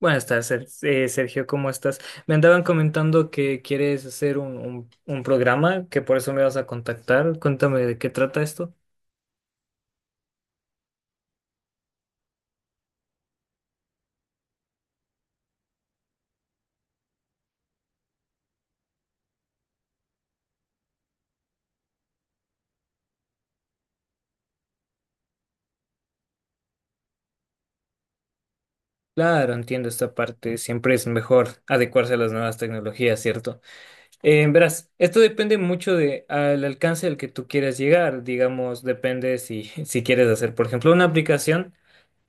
Buenas tardes, Sergio, ¿cómo estás? Me andaban comentando que quieres hacer un programa, que por eso me vas a contactar. Cuéntame de qué trata esto. Claro, entiendo esta parte. Siempre es mejor adecuarse a las nuevas tecnologías, ¿cierto? Verás, esto depende mucho de al alcance al que tú quieras llegar. Digamos, depende si, si quieres hacer, por ejemplo, una aplicación.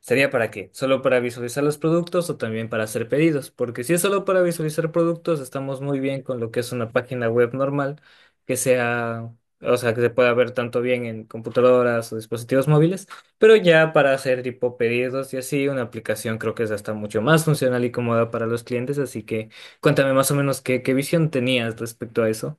¿Sería para qué? ¿Solo para visualizar los productos o también para hacer pedidos? Porque si es solo para visualizar productos, estamos muy bien con lo que es una página web normal, que sea, o sea, que se pueda ver tanto bien en computadoras o dispositivos móviles, pero ya para hacer tipo pedidos y así, una aplicación creo que es hasta mucho más funcional y cómoda para los clientes, así que cuéntame más o menos qué visión tenías respecto a eso.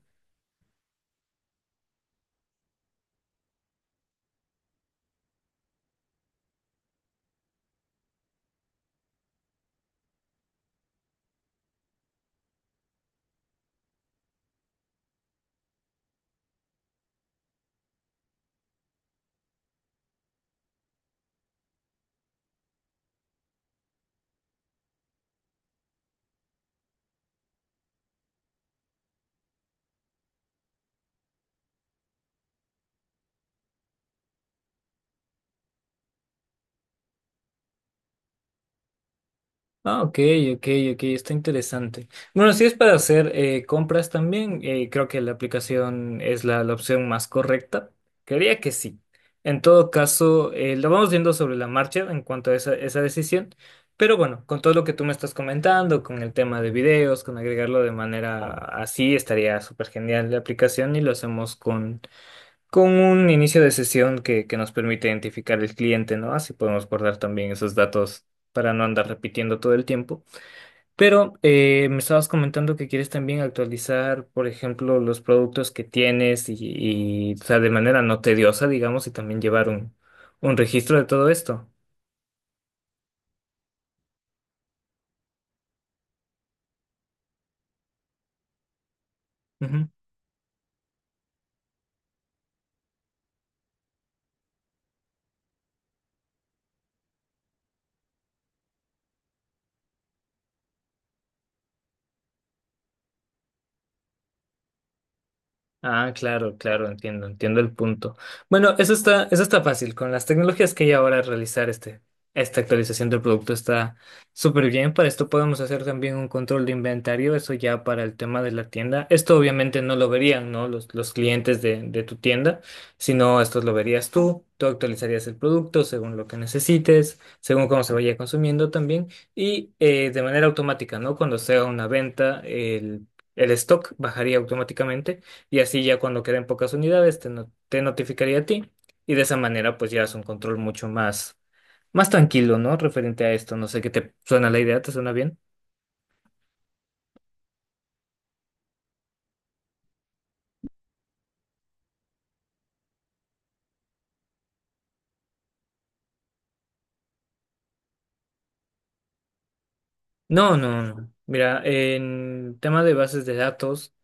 Ah, ok, ok, ok, está interesante. Bueno, si es para hacer compras también, creo que la aplicación es la opción más correcta. Creería que sí. En todo caso, lo vamos viendo sobre la marcha en cuanto a esa decisión. Pero bueno, con todo lo que tú me estás comentando, con el tema de videos, con agregarlo de manera así, estaría súper genial la aplicación y lo hacemos con un inicio de sesión que nos permite identificar el cliente, ¿no? Así podemos guardar también esos datos para no andar repitiendo todo el tiempo. Pero me estabas comentando que quieres también actualizar, por ejemplo, los productos que tienes o sea, de manera no tediosa, digamos, y también llevar un registro de todo esto. Ah, claro, claro, entiendo, entiendo el punto. Bueno, eso está fácil. Con las tecnologías que hay ahora, realizar esta actualización del producto está súper bien. Para esto podemos hacer también un control de inventario, eso ya para el tema de la tienda. Esto obviamente no lo verían, ¿no? Los clientes de tu tienda, sino esto lo verías tú. Tú actualizarías el producto según lo que necesites, según cómo se vaya consumiendo también y de manera automática, ¿no? Cuando sea una venta, el stock bajaría automáticamente y así ya cuando queden pocas unidades te, no- te notificaría a ti y de esa manera pues ya es un control mucho más, más tranquilo, ¿no? Referente a esto, no sé qué te suena la idea, ¿te suena bien? No, no, no. Mira, en tema de bases de datos,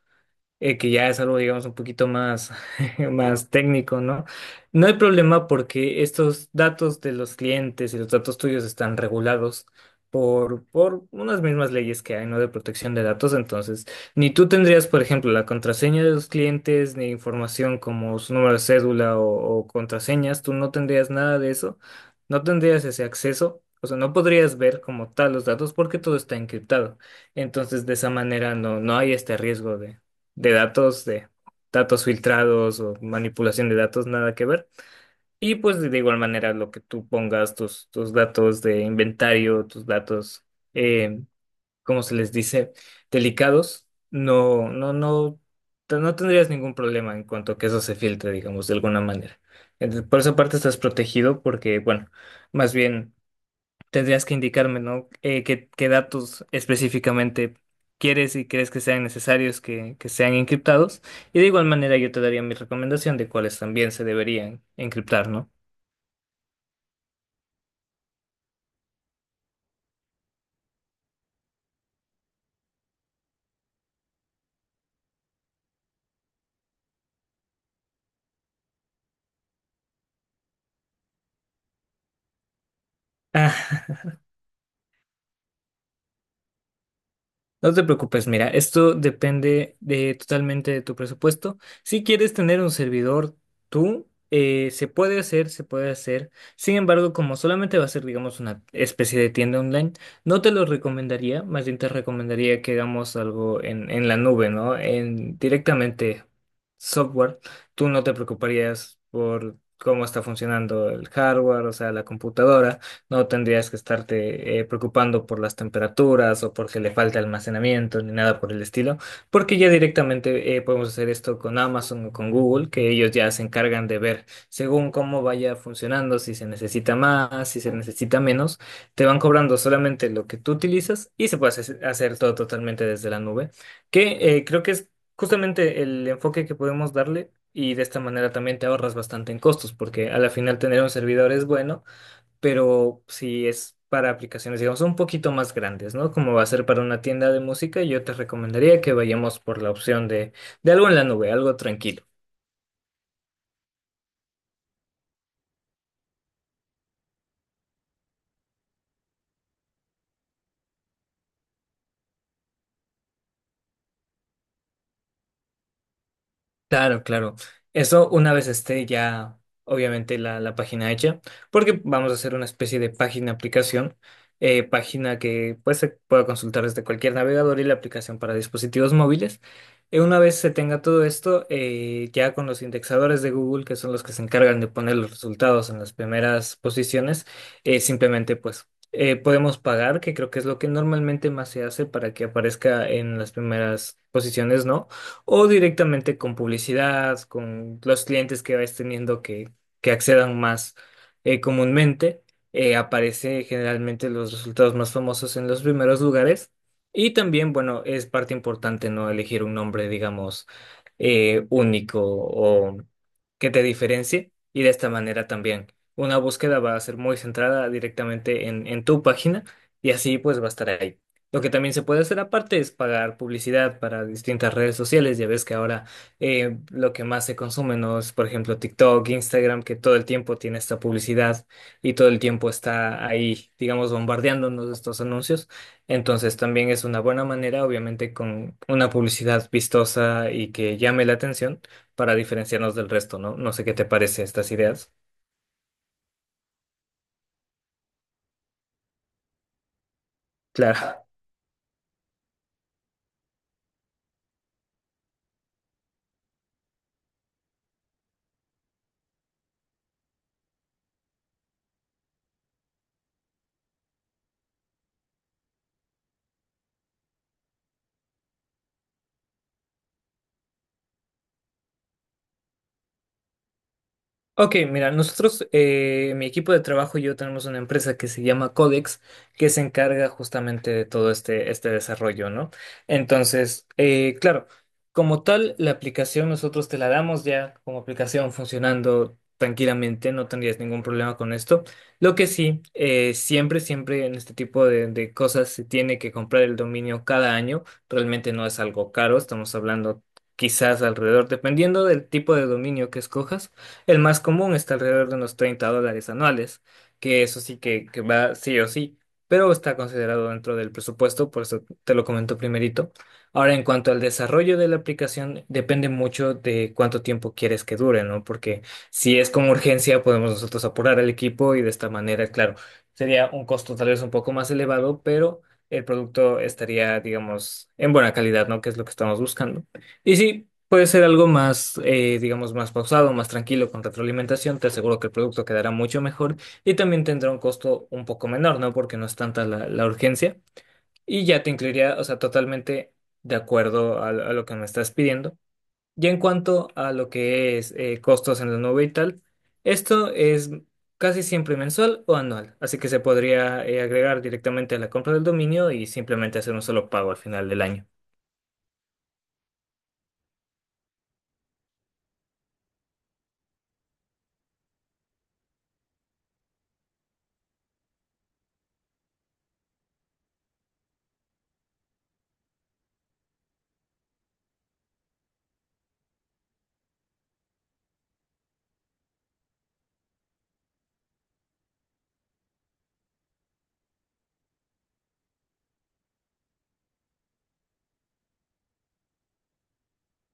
que ya es algo, digamos, un poquito más, más técnico, ¿no? No hay problema porque estos datos de los clientes y los datos tuyos están regulados por unas mismas leyes que hay, ¿no? De protección de datos. Entonces, ni tú tendrías, por ejemplo, la contraseña de los clientes, ni información como su número de cédula o contraseñas, tú no tendrías nada de eso, no tendrías ese acceso. O sea, no podrías ver como tal los datos porque todo está encriptado. Entonces, de esa manera no, no hay este riesgo de datos filtrados o manipulación de datos, nada que ver. Y pues de igual manera lo que tú pongas, tus datos de inventario, tus datos, eh, ¿cómo se les dice? Delicados, no, no, no, no tendrías ningún problema en cuanto a que eso se filtre, digamos, de alguna manera. Entonces, por esa parte estás protegido porque, bueno, más bien tendrías que indicarme, ¿no? Qué, qué datos específicamente quieres y crees que sean necesarios que sean encriptados. Y de igual manera yo te daría mi recomendación de cuáles también se deberían encriptar, ¿no? No te preocupes, mira, esto depende de, totalmente de tu presupuesto. Si quieres tener un servidor tú, se puede hacer, se puede hacer. Sin embargo, como solamente va a ser, digamos, una especie de tienda online, no te lo recomendaría. Más bien te recomendaría que hagamos algo en la nube, ¿no? En directamente software. Tú no te preocuparías por cómo está funcionando el hardware, o sea, la computadora. No tendrías que estarte preocupando por las temperaturas o porque le falta almacenamiento ni nada por el estilo, porque ya directamente podemos hacer esto con Amazon o con Google, que ellos ya se encargan de ver según cómo vaya funcionando, si se necesita más, si se necesita menos, te van cobrando solamente lo que tú utilizas y se puede hacer todo totalmente desde la nube, que creo que es justamente el enfoque que podemos darle. Y de esta manera también te ahorras bastante en costos, porque a la final tener un servidor es bueno, pero si es para aplicaciones, digamos, un poquito más grandes, ¿no? Como va a ser para una tienda de música, yo te recomendaría que vayamos por la opción de algo en la nube, algo tranquilo. Claro, claro. Eso una vez esté ya, obviamente, la página hecha, porque vamos a hacer una especie de página aplicación, página que pues, se pueda consultar desde cualquier navegador y la aplicación para dispositivos móviles. Una vez se tenga todo esto, ya con los indexadores de Google, que son los que se encargan de poner los resultados en las primeras posiciones, simplemente pues podemos pagar, que creo que es lo que normalmente más se hace para que aparezca en las primeras posiciones, ¿no? O directamente con publicidad, con los clientes que vais teniendo que accedan más comúnmente. Aparece generalmente los resultados más famosos en los primeros lugares. Y también, bueno, es parte importante no elegir un nombre, digamos, único o que te diferencie y de esta manera también una búsqueda va a ser muy centrada directamente en tu página y así pues va a estar ahí. Lo que también se puede hacer aparte es pagar publicidad para distintas redes sociales. Ya ves que ahora lo que más se consume no es, por ejemplo, TikTok, Instagram, que todo el tiempo tiene esta publicidad y todo el tiempo está ahí, digamos, bombardeándonos de estos anuncios. Entonces también es una buena manera, obviamente, con una publicidad vistosa y que llame la atención para diferenciarnos del resto, ¿no? No sé qué te parece estas ideas. Claro. Ok, mira, nosotros, mi equipo de trabajo y yo tenemos una empresa que se llama Codex, que se encarga justamente de todo este, este desarrollo, ¿no? Entonces, claro, como tal, la aplicación nosotros te la damos ya como aplicación funcionando tranquilamente, no tendrías ningún problema con esto. Lo que sí, siempre, siempre en este tipo de cosas se tiene que comprar el dominio cada año, realmente no es algo caro, estamos hablando quizás alrededor, dependiendo del tipo de dominio que escojas el más común está alrededor de unos $30 anuales, que eso sí que va sí o sí, pero está considerado dentro del presupuesto, por eso te lo comento primerito. Ahora, en cuanto al desarrollo de la aplicación, depende mucho de cuánto tiempo quieres que dure, ¿no? Porque si es con urgencia, podemos nosotros apurar al equipo y de esta manera, claro, sería un costo tal vez un poco más elevado, pero el producto estaría, digamos, en buena calidad, ¿no? Que es lo que estamos buscando. Y sí, puede ser algo más, digamos, más pausado, más tranquilo con retroalimentación. Te aseguro que el producto quedará mucho mejor y también tendrá un costo un poco menor, ¿no? Porque no es tanta la, la urgencia y ya te incluiría, o sea, totalmente de acuerdo a lo que me estás pidiendo. Y en cuanto a lo que es costos en la nube y tal, esto es casi siempre mensual o anual, así que se podría agregar directamente a la compra del dominio y simplemente hacer un solo pago al final del año.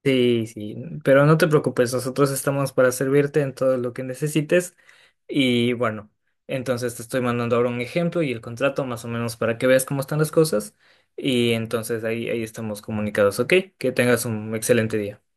Sí, sí, pero no te preocupes, nosotros estamos para servirte en todo lo que necesites y bueno, entonces te estoy mandando ahora un ejemplo y el contrato más o menos para que veas cómo están las cosas y entonces ahí, ahí estamos comunicados, ¿ok? Que tengas un excelente día.